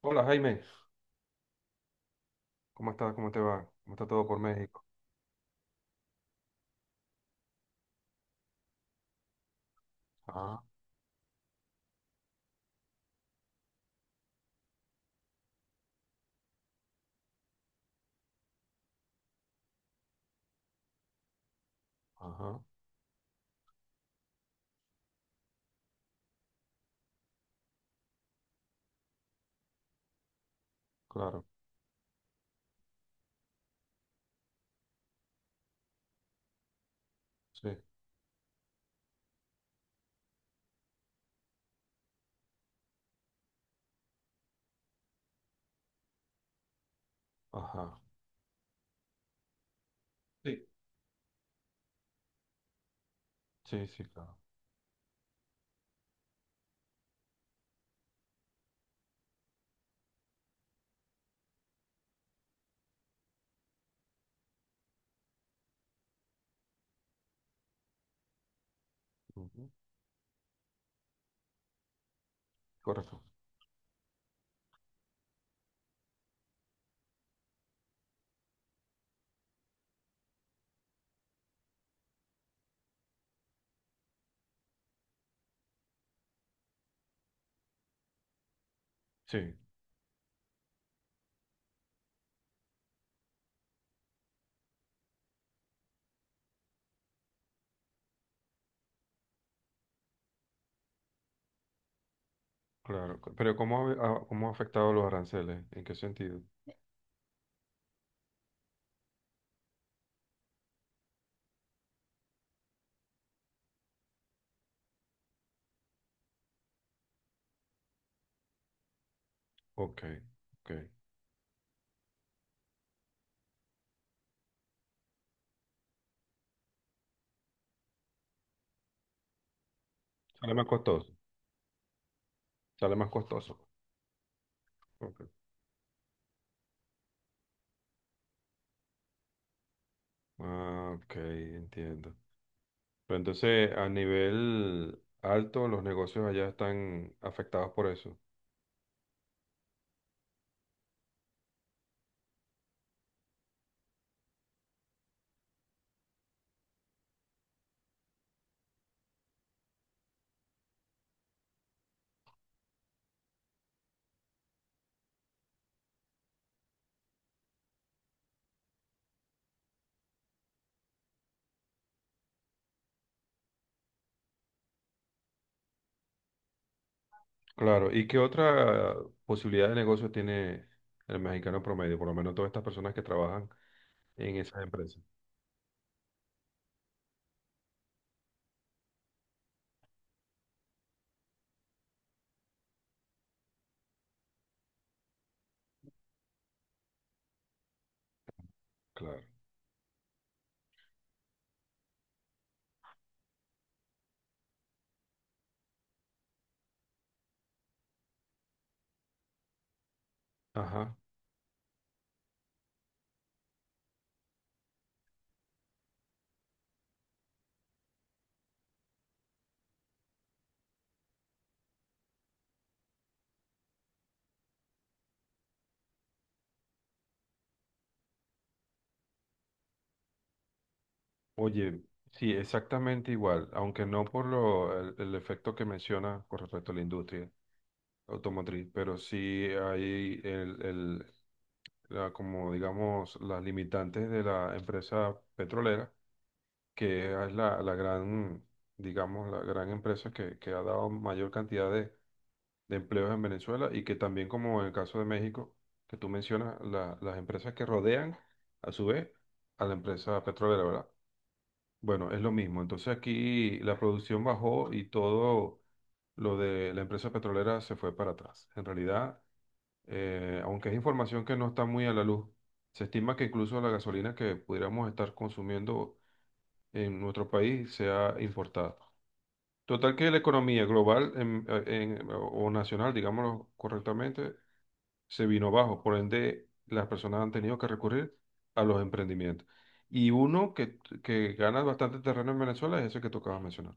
Hola, Jaime, ¿cómo estás? ¿Cómo te va? ¿Cómo está todo por México? Ah, ajá, claro, sí, ajá, sí. Sí, sí, claro. Ujú, correcto. Sí, claro. Pero ¿cómo ha, cómo ha afectado los aranceles? ¿En qué sentido? Ok, ok. Sale más costoso, sale más costoso. Ok. Ah, ok, entiendo. Pero entonces, a nivel alto, los negocios allá están afectados por eso. Claro, ¿y qué otra posibilidad de negocio tiene el mexicano promedio? Por lo menos todas estas personas que trabajan en esas empresas. Claro. Ajá. Oye, sí, exactamente igual, aunque no por lo, el efecto que menciona con respecto a la industria automotriz, pero sí hay como digamos, las limitantes de la empresa petrolera, que es la gran, digamos, la gran empresa que ha dado mayor cantidad de empleos en Venezuela y que también como en el caso de México, que tú mencionas, las empresas que rodean a su vez a la empresa petrolera, ¿verdad? Bueno, es lo mismo. Entonces aquí la producción bajó y todo lo de la empresa petrolera se fue para atrás. En realidad, aunque es información que no está muy a la luz, se estima que incluso la gasolina que pudiéramos estar consumiendo en nuestro país sea importada. Total que la economía global o nacional, digámoslo correctamente, se vino abajo. Por ende, las personas han tenido que recurrir a los emprendimientos. Y uno que gana bastante terreno en Venezuela es ese que tocaba mencionar.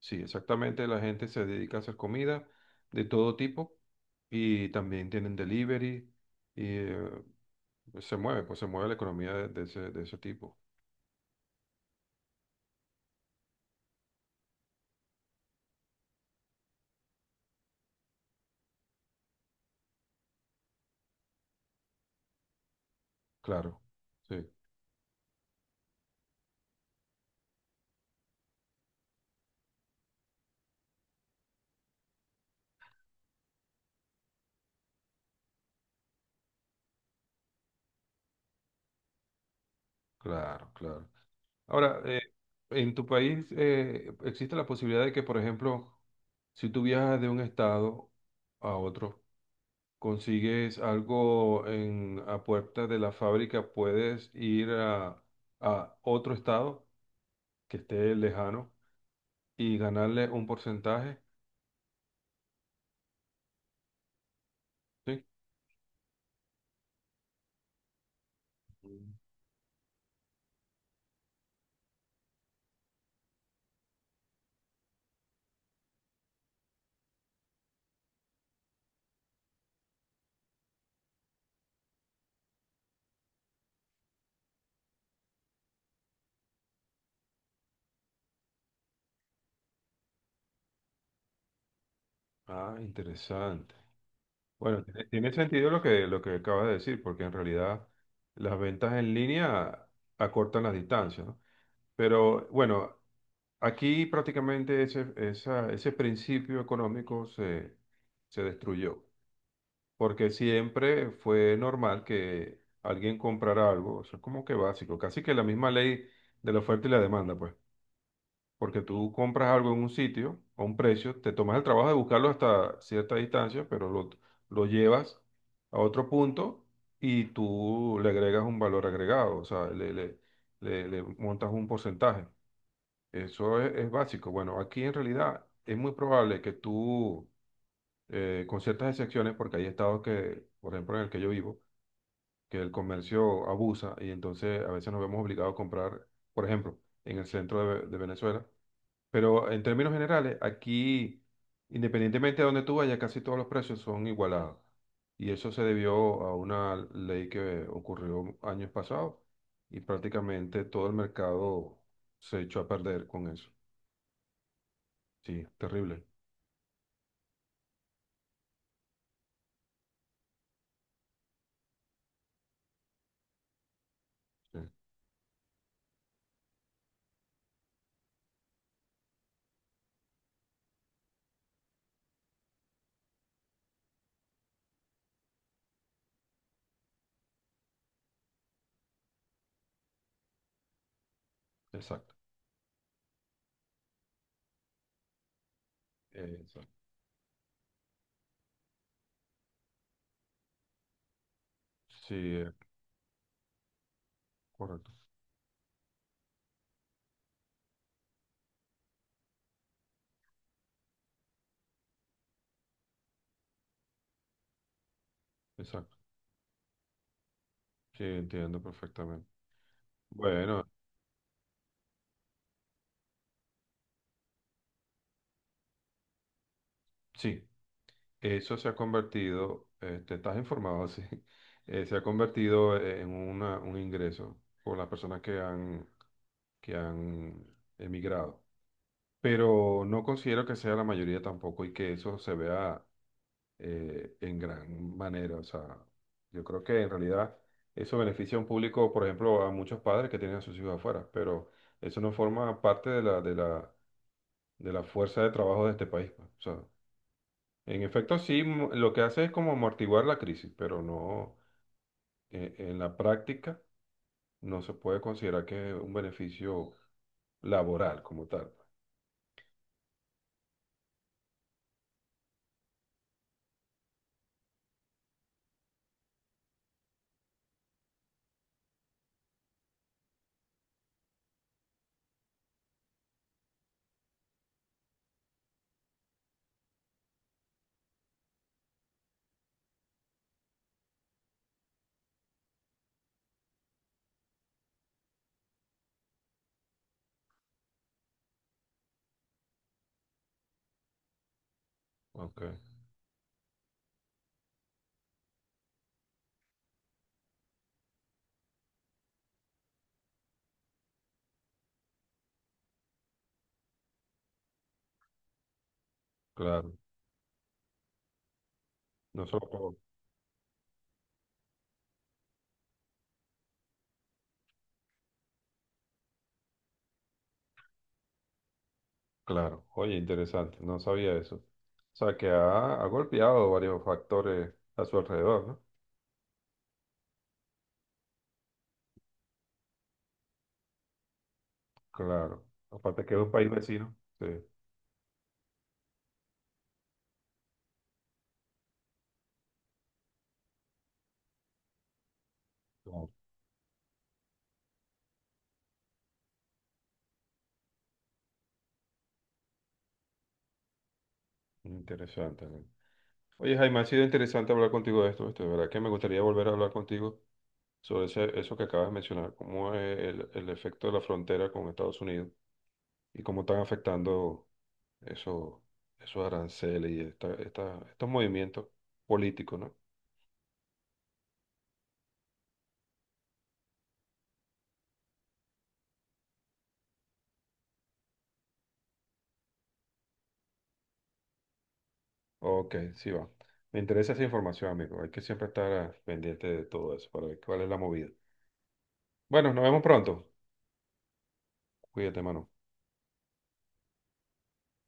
Sí, exactamente, la gente se dedica a hacer comida de todo tipo y también tienen delivery y pues se mueve la economía de ese tipo. Claro, sí, claro, claro. Ahora, en tu país existe la posibilidad de que, por ejemplo, si tú viajas de un estado a otro, consigues algo en, a puerta de la fábrica, puedes ir a otro estado que esté lejano y ganarle un porcentaje. ¿Sí? Mm. Ah, interesante. Bueno, tiene, tiene sentido lo que acabas de decir, porque en realidad las ventas en línea acortan las distancias, ¿no? Pero bueno, aquí prácticamente ese, ese principio económico se, se destruyó. Porque siempre fue normal que alguien comprara algo, eso es como que básico, casi que la misma ley de la oferta y la demanda, pues, porque tú compras algo en un sitio a un precio, te tomas el trabajo de buscarlo hasta cierta distancia, pero lo llevas a otro punto y tú le agregas un valor agregado, o sea, le, le montas un porcentaje. Eso es básico. Bueno, aquí en realidad es muy probable que tú, con ciertas excepciones, porque hay estados que, por ejemplo, en el que yo vivo, que el comercio abusa y entonces a veces nos vemos obligados a comprar, por ejemplo, en el centro de, de Venezuela. Pero en términos generales, aquí, independientemente de donde tú vayas, casi todos los precios son igualados. Y eso se debió a una ley que ocurrió años pasados y prácticamente todo el mercado se echó a perder con eso. Sí, terrible. Sí, exacto. Exacto. Sí, correcto. Exacto. Sí, entiendo perfectamente. Bueno, sí. Eso se ha convertido, te estás informado así, se ha convertido en un ingreso por las personas que han emigrado. Pero no considero que sea la mayoría tampoco y que eso se vea en gran manera. O sea, yo creo que en realidad eso beneficia a un público, por ejemplo, a muchos padres que tienen a sus hijos afuera, pero eso no forma parte de la, de la, de la fuerza de trabajo de este país. Pues, o sea, en efecto, sí, lo que hace es como amortiguar la crisis, pero no, en la práctica no se puede considerar que es un beneficio laboral como tal. Ok, claro. No solo por- Claro. Oye, interesante, no sabía eso. O sea, que ha, ha golpeado varios factores a su alrededor, ¿no? Claro. Aparte que es un país vecino. Sí. Claro. Interesante. ¿No? Oye, Jaime, ha sido interesante hablar contigo de esto, ¿viste? De verdad que me gustaría volver a hablar contigo sobre eso que acabas de mencionar, cómo es el efecto de la frontera con Estados Unidos y cómo están afectando eso- esos aranceles y estos movimientos políticos, ¿no? Ok, sí va. Me interesa esa información, amigo. Hay que siempre estar pendiente de todo eso para ver cuál es la movida. Bueno, nos vemos pronto. Cuídate, mano.